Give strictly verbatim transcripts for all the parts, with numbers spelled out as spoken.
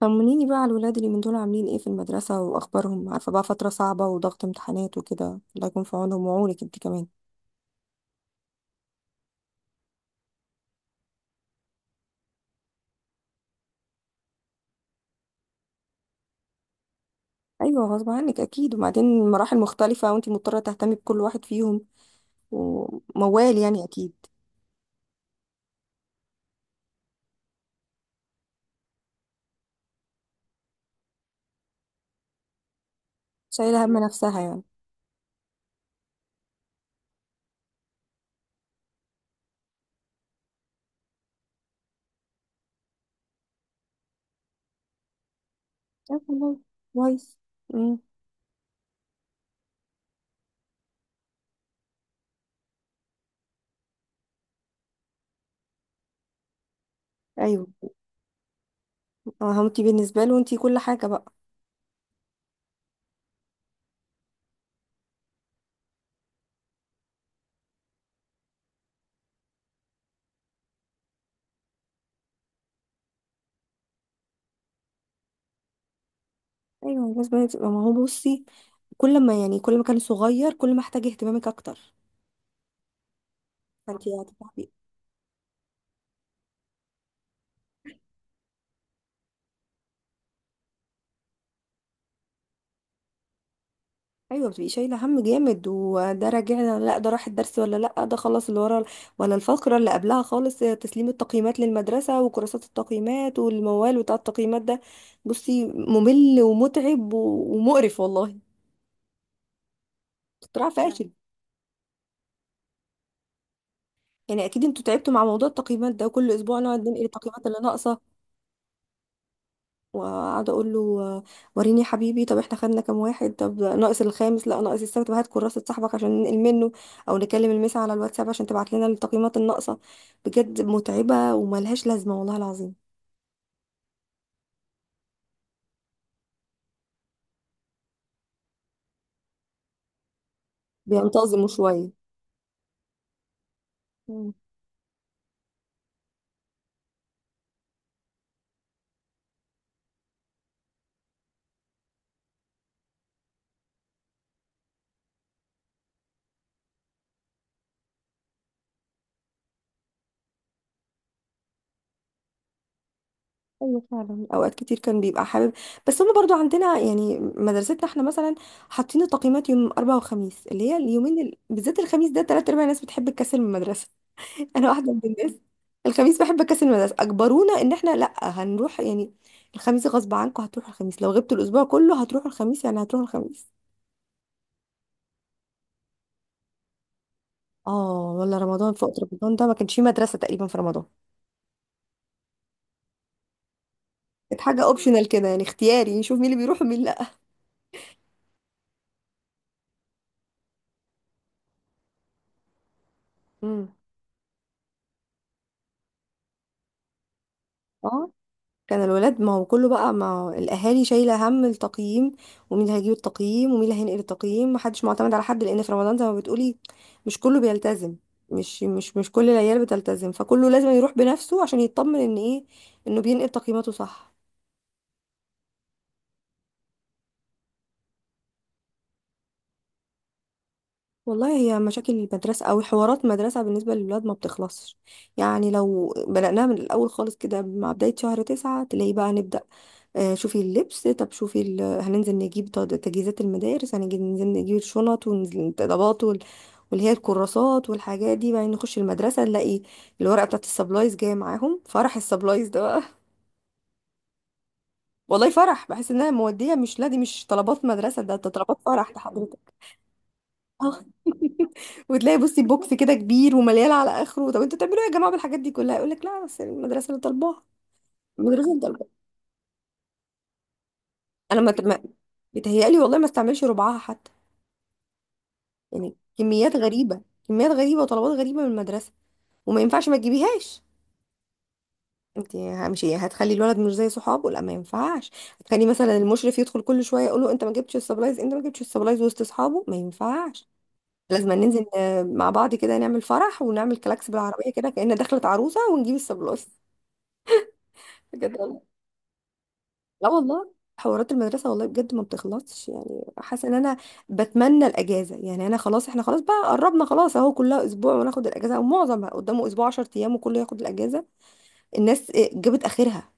طمنيني بقى على الولاد اللي من دول عاملين ايه في المدرسة واخبارهم. عارفة بقى، فترة صعبة وضغط امتحانات وكده، الله يكون في عونهم وعونك انت كمان. ايوه غصب عنك اكيد، وبعدين مراحل مختلفة وانت مضطرة تهتمي بكل واحد فيهم، وموال يعني اكيد. شايلة هم نفسها يعني. طب والله كويس. امم ايوه. اه انت بالنسبة له انت كل حاجة بقى. ايوه بس بنت- ما هو بصي، كل ما يعني كل ما كان صغير، كل ما احتاج اهتمامك اكتر. فانت هتتعبي. ايوه بتبقي شايله هم جامد، وده راجعنا؟ لا ده راح الدرس؟ ولا لا ده خلص اللي ورا؟ ولا الفقره اللي قبلها خالص؟ تسليم التقييمات للمدرسه، وكراسات التقييمات، والموال بتاع التقييمات ده. بصي ممل ومتعب و- ومقرف والله. اختراع نعم. فاشل. يعني اكيد انتوا تعبتوا مع موضوع التقييمات ده، وكل اسبوع نقعد ننقل التقييمات اللي ناقصه، وقاعده اقول له آه، وريني يا حبيبي طب احنا خدنا كام واحد، طب ناقص الخامس لا ناقص السبت، طب هات كراسه صاحبك عشان ننقل منه، او نكلم المسا على الواتساب عشان تبعت لنا التقييمات الناقصه. بجد متعبه وملهاش لازمه والله العظيم. بينتظموا شويه. مم. ايوه فعلا، اوقات كتير كان بيبقى حابب، بس هما برضو عندنا يعني مدرستنا احنا مثلا حاطين التقييمات يوم اربعة وخميس، اللي هي اليومين ال... بالذات الخميس ده تلات ارباع الناس بتحب تكسل من المدرسه. انا واحده من الناس، الخميس بحب اكسل المدرسه. اجبرونا ان احنا لا هنروح يعني، الخميس غصب عنكم هتروحوا، الخميس لو غبتوا الاسبوع كله هتروحوا الخميس، يعني هتروحوا الخميس. اه والله رمضان، في وقت رمضان ده ما كانش فيه مدرسه تقريبا في رمضان. كانت حاجه اوبشنال كده يعني اختياري، نشوف مين اللي بيروح ومين لا. امم اه كان الولاد، ما هو كله بقى ما هو الاهالي شايله هم التقييم، ومين اللي هيجيب التقييم ومين اللي هينقل التقييم، محدش معتمد على حد، لان في رمضان زي ما بتقولي مش كله بيلتزم. مش مش مش كل العيال بتلتزم، فكله لازم يروح بنفسه عشان يطمن ان ايه، انه بينقل تقييماته صح. والله هي مشاكل المدرسة أو حوارات مدرسة بالنسبة للولاد ما بتخلصش. يعني لو بدأناها من الأول خالص كده، مع بداية شهر تسعة تلاقي بقى نبدأ آه، شوفي اللبس، طب شوفي ال... هننزل نجيب طاد- تجهيزات المدارس، هننزل ننزل نجيب الشنط والطلبات وال... واللي هي الكراسات والحاجات دي، بعدين نخش المدرسة نلاقي الورقة بتاعت السبلايز جاية معاهم. فرح السبلايز ده بقى. والله فرح، بحس انها مودية، مش لا دي مش طلبات مدرسة، ده ده طلبات فرح ده. آه. وتلاقي بصي بوكس كده كبير ومليان على اخره، طب انتوا بتعملوا ايه يا جماعه بالحاجات دي كلها؟ يقول لك لا بس المدرسه اللي طالباها، المدرسه اللي طالباها. انا ما ما- بيتهيألي والله ما استعملش ربعها حتى. يعني كميات غريبه، كميات غريبه وطلبات غريبه من المدرسه، وما ينفعش ما تجيبيهاش. انت مش هتخلي الولد مش زي صحابه، لا ما ينفعش. هتخلي مثلا المشرف يدخل كل شويه يقول له انت ما جبتش السبلايز، انت ما جبتش السبلايز وسط اصحابه، ما ينفعش. لازم ننزل آه، مع بعض كده، نعمل فرح ونعمل كلاكس بالعربيه كده كأن دخلت عروسه ونجيب السبلايز. بجد والله. لا والله حوارات المدرسة والله بجد ما بتخلصش. يعني حاسة ان انا بتمنى الاجازة، يعني انا خلاص، احنا خلاص بقى قربنا خلاص، اهو كلها اسبوع وناخد الاجازة، او معظم قدامه اسبوع 10 ايام وكله ياخد الاجازة. الناس إيه، جابت اخرها.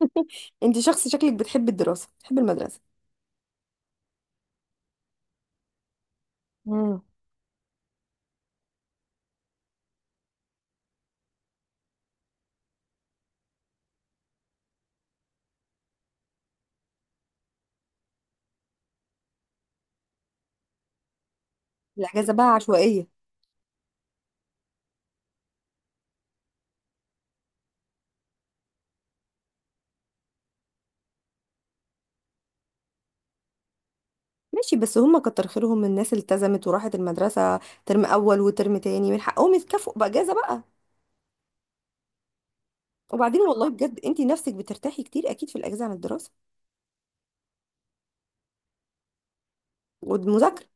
انت شخص شكلك بتحب الدراسة بتحب المدرسة. مم. الاجازة بقى عشوائية. ماشي بس هم كتر خيرهم الناس اللي التزمت وراحت المدرسة ترم اول وترم تاني، من حقهم يتكافئوا باجازة بقى. وبعدين والله بجد انت نفسك بترتاحي كتير اكيد في الاجازة عن الدراسة والمذاكرة.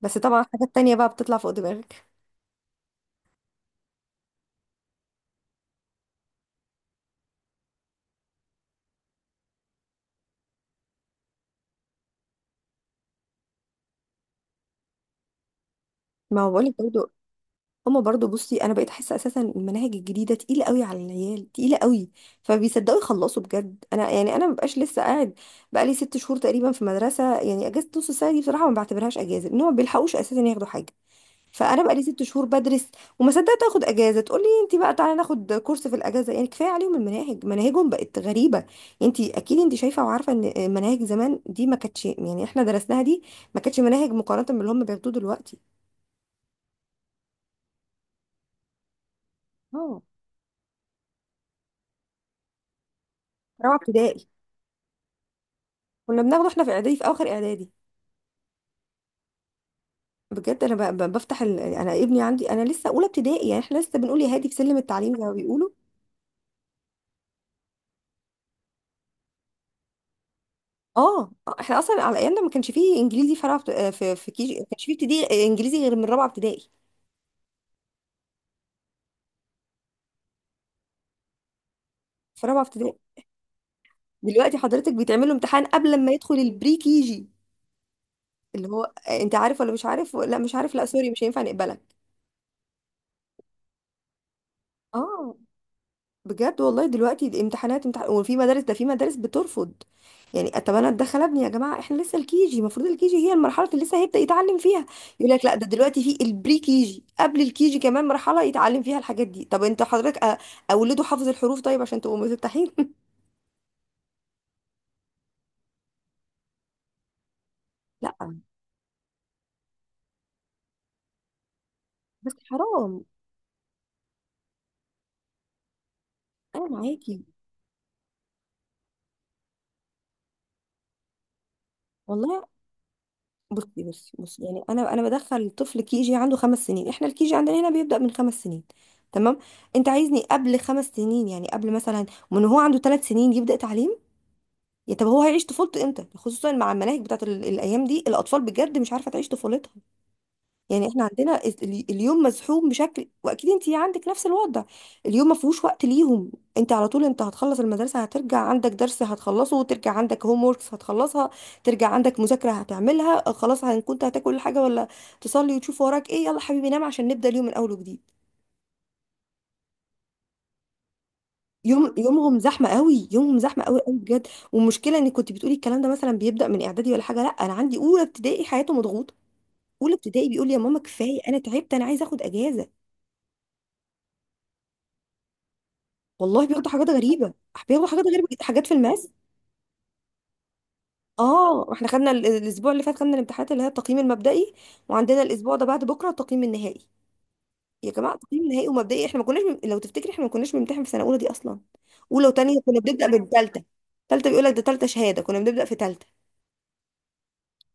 بس طبعا حاجات تانية بقى بتطلع فوق دماغك. ما هو بقولك برضو. هما برضو بصي انا بقيت احس اساسا المناهج الجديده تقيله قوي على العيال، تقيله قوي، فبيصدقوا يخلصوا بجد. انا يعني انا مبقاش لسه قاعد، بقالي ست شهور تقريبا في مدرسه، يعني اجازه نص السنه دي بصراحه ما بعتبرهاش اجازه ان هما ما بيلحقوش اساسا ياخدوا حاجه. فانا بقالي ست شهور بدرس، وما صدقت اخد اجازه، تقولي انت بقى تعالي ناخد كورس في الاجازه؟ يعني كفايه عليهم المناهج، مناهجهم بقت غريبه. انت اكيد انت شايفه وعارفه ان مناهج زمان دي ما كانتش، يعني احنا درسناها دي ما كانتش مناهج مقارنه باللي هم بياخدوه دلوقتي. اه. رابعه ابتدائي كنا بناخده احنا في اعدادي، في اخر اعدادي. بجد انا ب- ب- بفتح ال... انا ابني عندي انا لسه اولى ابتدائي، يعني احنا لسه بنقول يا هادي في سلم التعليم زي ما بيقولوا. اه احنا اصلا على ايامنا ما كانش فيه انجليزي في رابعة- في في كيجي، ما كانش فيه ابتدائي انجليزي غير من رابعه ابتدائي. في رابعه ابتدائي دلوقتي حضرتك بيتعمل له امتحان قبل ما يدخل البري كيجي، اللي هو آه، انت عارف ولا مش عارف؟ لا مش عارف، لا سوري مش هينفع نقبلك. اه بجد والله دلوقتي الامتحانات امتحان، وفي مدارس ده في مدارس بترفض، يعني طب انا اتدخل ابني يا جماعه، احنا لسه الكيجي المفروض الكيجي هي المرحله اللي لسه هيبدا يتعلم فيها. يقول لك لا ده دلوقتي في البري كيجي قبل الكيجي كمان مرحله يتعلم فيها الحاجات دي. طب انت حضرتك أ- اوله حافظ الحروف، طيب عشان تبقوا مفتحين. لا بس حرام. انا معاكي والله. بصي بصي بصي، يعني انا انا بدخل طفل كي جي عنده خمس سنين، احنا الكي جي عندنا هنا بيبدأ من خمس سنين، تمام؟ انت عايزني قبل خمس سنين، يعني قبل مثلا من هو عنده ثلاث سنين يبدأ تعليم؟ يا طب هو هيعيش طفولته امتى، خصوصا مع المناهج بتاعت ال- الايام دي، الاطفال بجد مش عارفه تعيش طفولتها. يعني احنا عندنا الس- ال- اليوم مزحوم بشكل، واكيد انت عندك نفس الوضع. اليوم ما فيهوش وقت ليهم. انت على طول، انت هتخلص المدرسه هترجع عندك درس هتخلصه، وترجع عندك هوم ووركس هتخلصها، ترجع عندك مذاكره هتعملها، آه، خلاص هن- كنت هتاكل حاجه ولا تصلي وتشوف وراك ايه، يلا حبيبي نام عشان نبدا اليوم من اول وجديد. يوم يومهم زحمه قوي، يومهم زحمه قوي قوي بجد. والمشكله انك كنت بتقولي الكلام ده مثلا بيبدا من اعدادي ولا حاجه، لا انا عندي اولى ابتدائي حياته مضغوطه. اولى ابتدائي بيقول لي يا ماما كفايه انا تعبت، انا عايز اخد اجازه. والله بياخدوا حاجات غريبة، بياخدوا حاجات غريبة جدا، حاجات في الماس. اه احنا خدنا ال- الاسبوع اللي فات خدنا الامتحانات اللي هي التقييم المبدئي، وعندنا الاسبوع ده بعد بكرة التقييم النهائي. يا جماعة التقييم النهائي ومبدئي، احنا ما كناش بن- لو تفتكري احنا ما كناش بنمتحن في سنة اولى دي اصلا. اولى وتانية كنا بنبدأ بالتالتة، تالتة بيقول لك ده تالتة شهادة كنا بنبدأ في تالتة.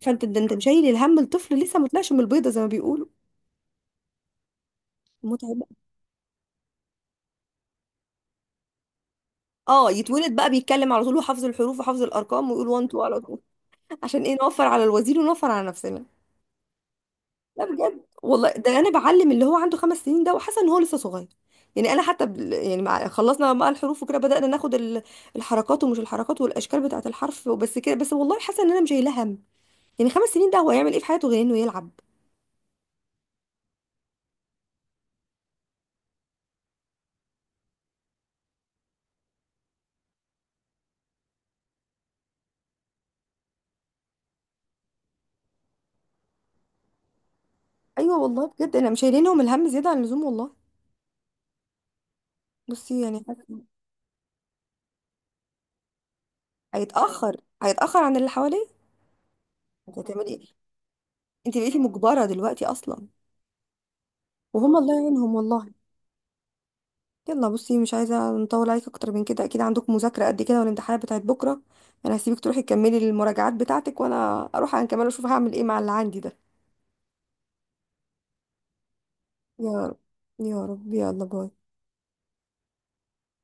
فانت ده انت مشايل الهم الطفل لسه ما طلعش من البيضة زي ما بيقولوا. متعب. اه يتولد بقى بيتكلم على طول، وحافظ الحروف وحافظ الارقام ويقول واحد اتنين على طول، عشان ايه؟ نوفر على الوزير ونوفر على نفسنا. لا بجد والله، ده انا بعلم اللي هو عنده خمس سنين ده وحاسه ان هو لسه صغير. يعني انا حتى بال- يعني مع خلصنا بقى الحروف وكده بدأنا ناخد ال- الحركات، ومش الحركات والاشكال بتاعه الحرف، وبس كده بس والله حاسه ان انا مش شايله هم. يعني خمس سنين ده هو هيعمل ايه في حياته غير انه يلعب؟ ايوه والله بجد انا مش شايلينهم الهم زياده عن اللزوم والله. بصي يعني حاسة. هيتاخر، هيتاخر عن اللي حواليه. انت هتعملي ايه، انت بقيتي مجبره دلوقتي اصلا. وهم الله يعينهم والله. يلا بصي مش عايزة نطول عليك أكتر من كده، أكيد عندك مذاكرة قد كده والامتحانات بتاعت بكرة، أنا هسيبك تروحي تكملي المراجعات بتاعتك، وأنا أروح أنا كمان أشوف هعمل إيه مع اللي عندي ده. يا رب، يا رب، يلا باي.